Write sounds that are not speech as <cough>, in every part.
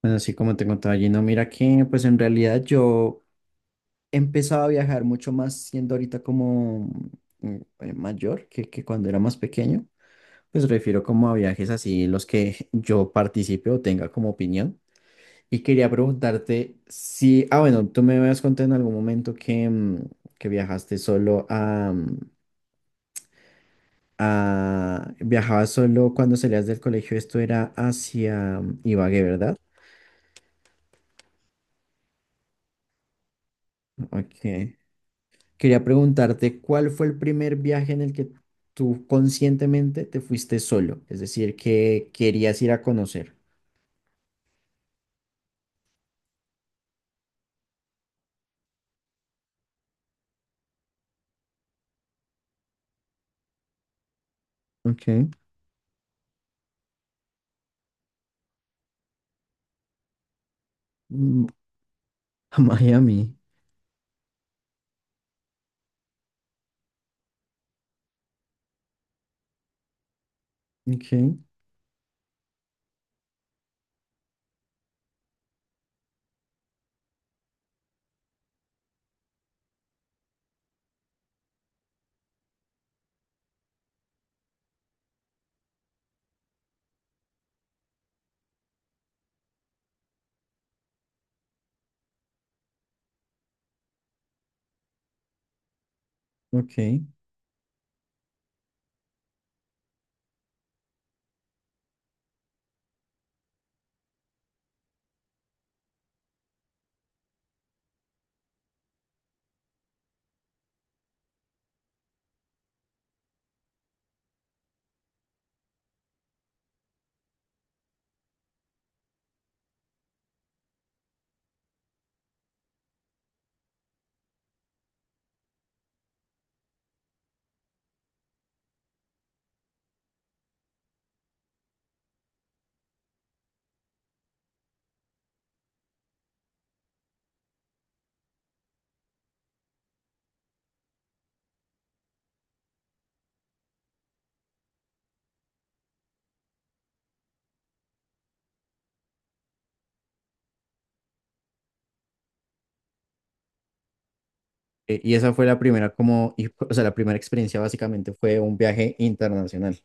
Pues así como te contaba Gino, mira que pues en realidad yo empezaba a viajar mucho más siendo ahorita como mayor que cuando era más pequeño. Pues refiero como a viajes así, los que yo participe o tenga como opinión. Y quería preguntarte si, ah bueno, tú me habías contado en algún momento que que viajaste solo a viajabas solo cuando salías del colegio, esto era hacia Ibagué, ¿verdad? Ok. Quería preguntarte, ¿cuál fue el primer viaje en el que tú conscientemente te fuiste solo? Es decir, que querías ir a conocer. Okay. Mm, a Miami. Okay. Okay. Y esa fue la primera como, o sea, la primera experiencia básicamente fue un viaje internacional.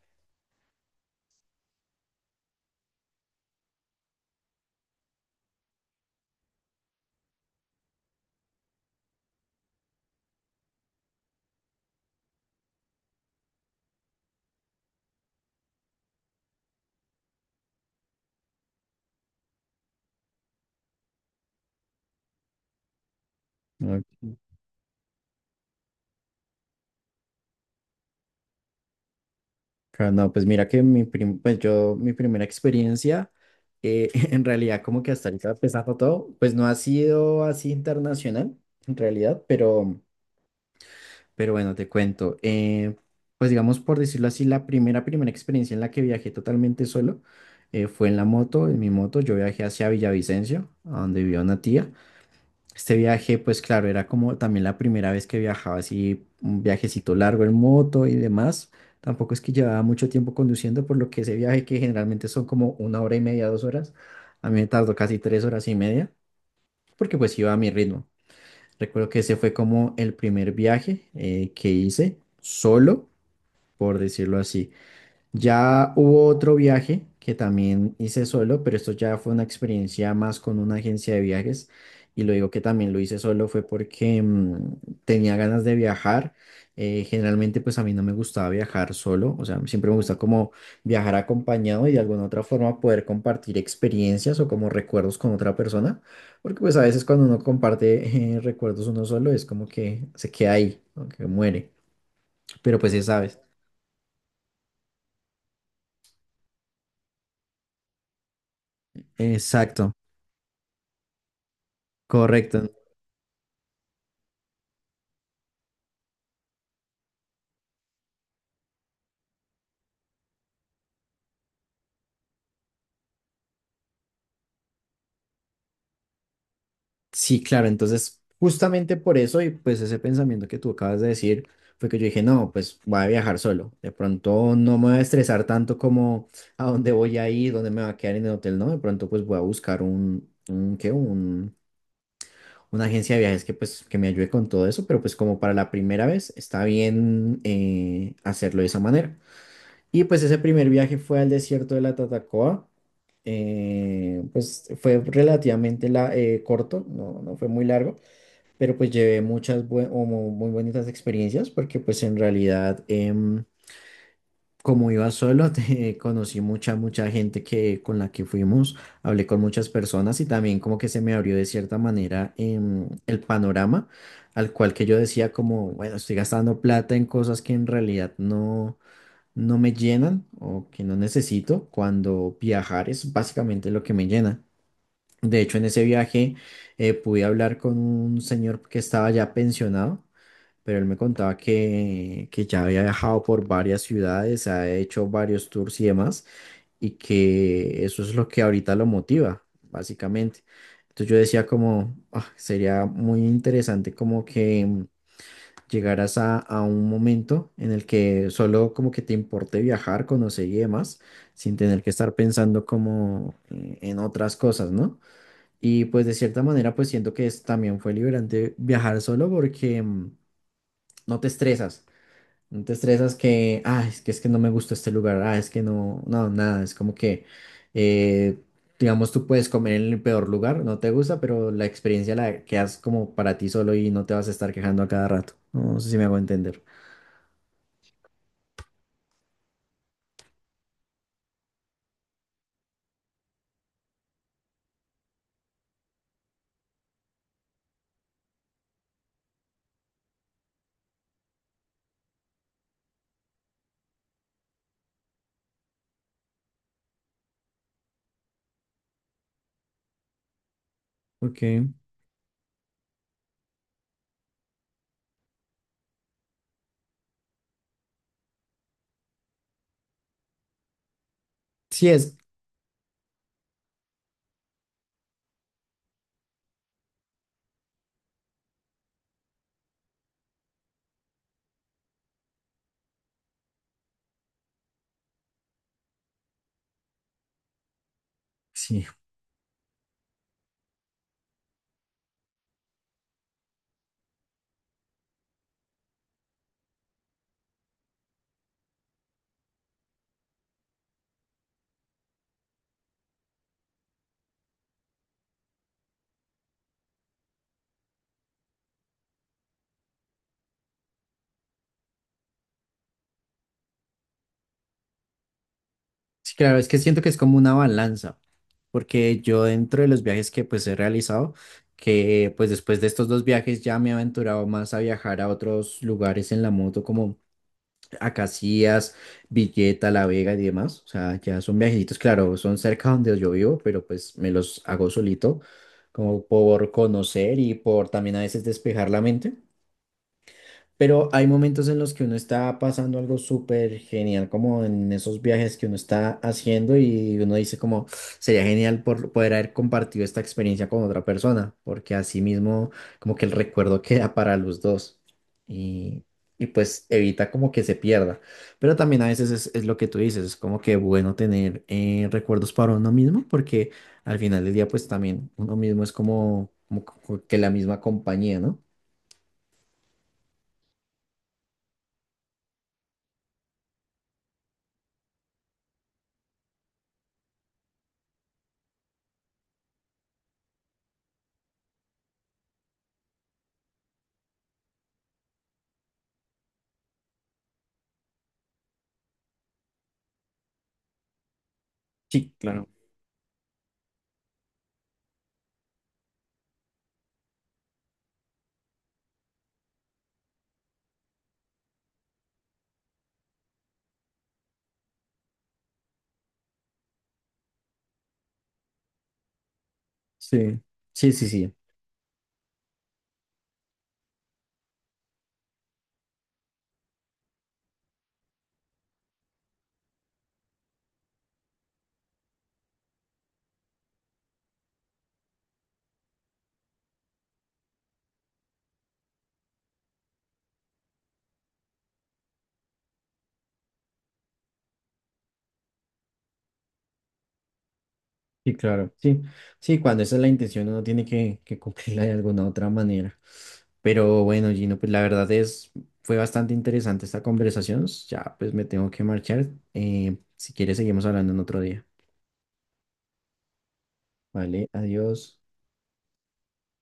Ok. Claro, no, pues mira que pues yo, mi primera experiencia, eh, <laughs> en realidad como que hasta ahorita empezando todo, pues no ha sido así internacional, en realidad, pero... Pero bueno, te cuento. Pues digamos, por decirlo así, la primera experiencia en la que viajé totalmente solo fue en la moto, en mi moto. Yo viajé hacia Villavicencio, a donde vivía una tía. Este viaje, pues claro, era como también la primera vez que viajaba así, un viajecito largo en moto y demás. Tampoco es que llevaba mucho tiempo conduciendo, por lo que ese viaje, que generalmente son como una hora y media, dos horas, a mí me tardó casi tres horas y media, porque pues iba a mi ritmo. Recuerdo que ese fue como el primer viaje que hice solo, por decirlo así. Ya hubo otro viaje que también hice solo, pero esto ya fue una experiencia más con una agencia de viajes. Y lo digo que también lo hice solo fue porque tenía ganas de viajar. Generalmente pues a mí no me gustaba viajar solo, o sea, siempre me gusta como viajar acompañado y de alguna otra forma poder compartir experiencias o como recuerdos con otra persona, porque pues a veces cuando uno comparte recuerdos uno solo es como que se queda ahí, como que muere, pero pues ya sabes. Exacto. Correcto. Sí, claro, entonces justamente por eso y pues ese pensamiento que tú acabas de decir fue que yo dije, no, pues voy a viajar solo, de pronto no me voy a estresar tanto como a dónde voy a ir, dónde me va a quedar en el hotel, no, de pronto pues voy a buscar un ¿qué? Un, una agencia de viajes que pues que me ayude con todo eso, pero pues como para la primera vez está bien hacerlo de esa manera. Y pues ese primer viaje fue al desierto de la Tatacoa pues fue relativamente corto, no fue muy largo, pero pues llevé muchas bue- o mu- muy bonitas experiencias porque pues en realidad como iba solo <laughs> conocí mucha gente que con la que fuimos, hablé con muchas personas y también como que se me abrió de cierta manera el panorama al cual que yo decía como, bueno, estoy gastando plata en cosas que en realidad no me llenan o que no necesito cuando viajar es básicamente lo que me llena. De hecho, en ese viaje pude hablar con un señor que estaba ya pensionado, pero él me contaba que ya había viajado por varias ciudades, ha hecho varios tours y demás, y que eso es lo que ahorita lo motiva, básicamente. Entonces yo decía como, "Ah, sería muy interesante como que llegaras a un momento en el que solo como que te importe viajar, conocer y demás, sin tener que estar pensando como en otras cosas, ¿no? Y pues de cierta manera pues siento que es, también fue liberante viajar solo porque no te estresas. No te estresas que, ah, es que no me gustó este lugar, ah, es que no, nada, es como que, eh, digamos, tú puedes comer en el peor lugar, no te gusta, pero la experiencia la quedas como para ti solo y no te vas a estar quejando a cada rato. No sé si me hago entender. Ok. Sí, es, sí, sí, claro, es que siento que es como una balanza, porque yo dentro de los viajes que pues he realizado, que pues después de estos dos viajes ya me he aventurado más a viajar a otros lugares en la moto, como a Casillas, Villeta, La Vega y demás. O sea, ya son viajecitos, claro, son cerca donde yo vivo, pero pues me los hago solito, como por conocer y por también a veces despejar la mente. Pero hay momentos en los que uno está pasando algo súper genial, como en esos viajes que uno está haciendo y uno dice como sería genial por poder haber compartido esta experiencia con otra persona, porque así mismo como que el recuerdo queda para los dos y, y pues evita como que se pierda. Pero también a veces es lo que tú dices, es como que bueno tener recuerdos para uno mismo, porque al final del día pues también uno mismo es como que la misma compañía, ¿no? Sí, claro. Sí, sí, sí, sí, sí, claro, sí, sí, cuando esa es la intención uno tiene que cumplirla de alguna otra manera. Pero bueno, Gino, pues la verdad es, fue bastante interesante esta conversación, ya pues me tengo que marchar, si quieres seguimos hablando en otro día, ¿vale? Adiós.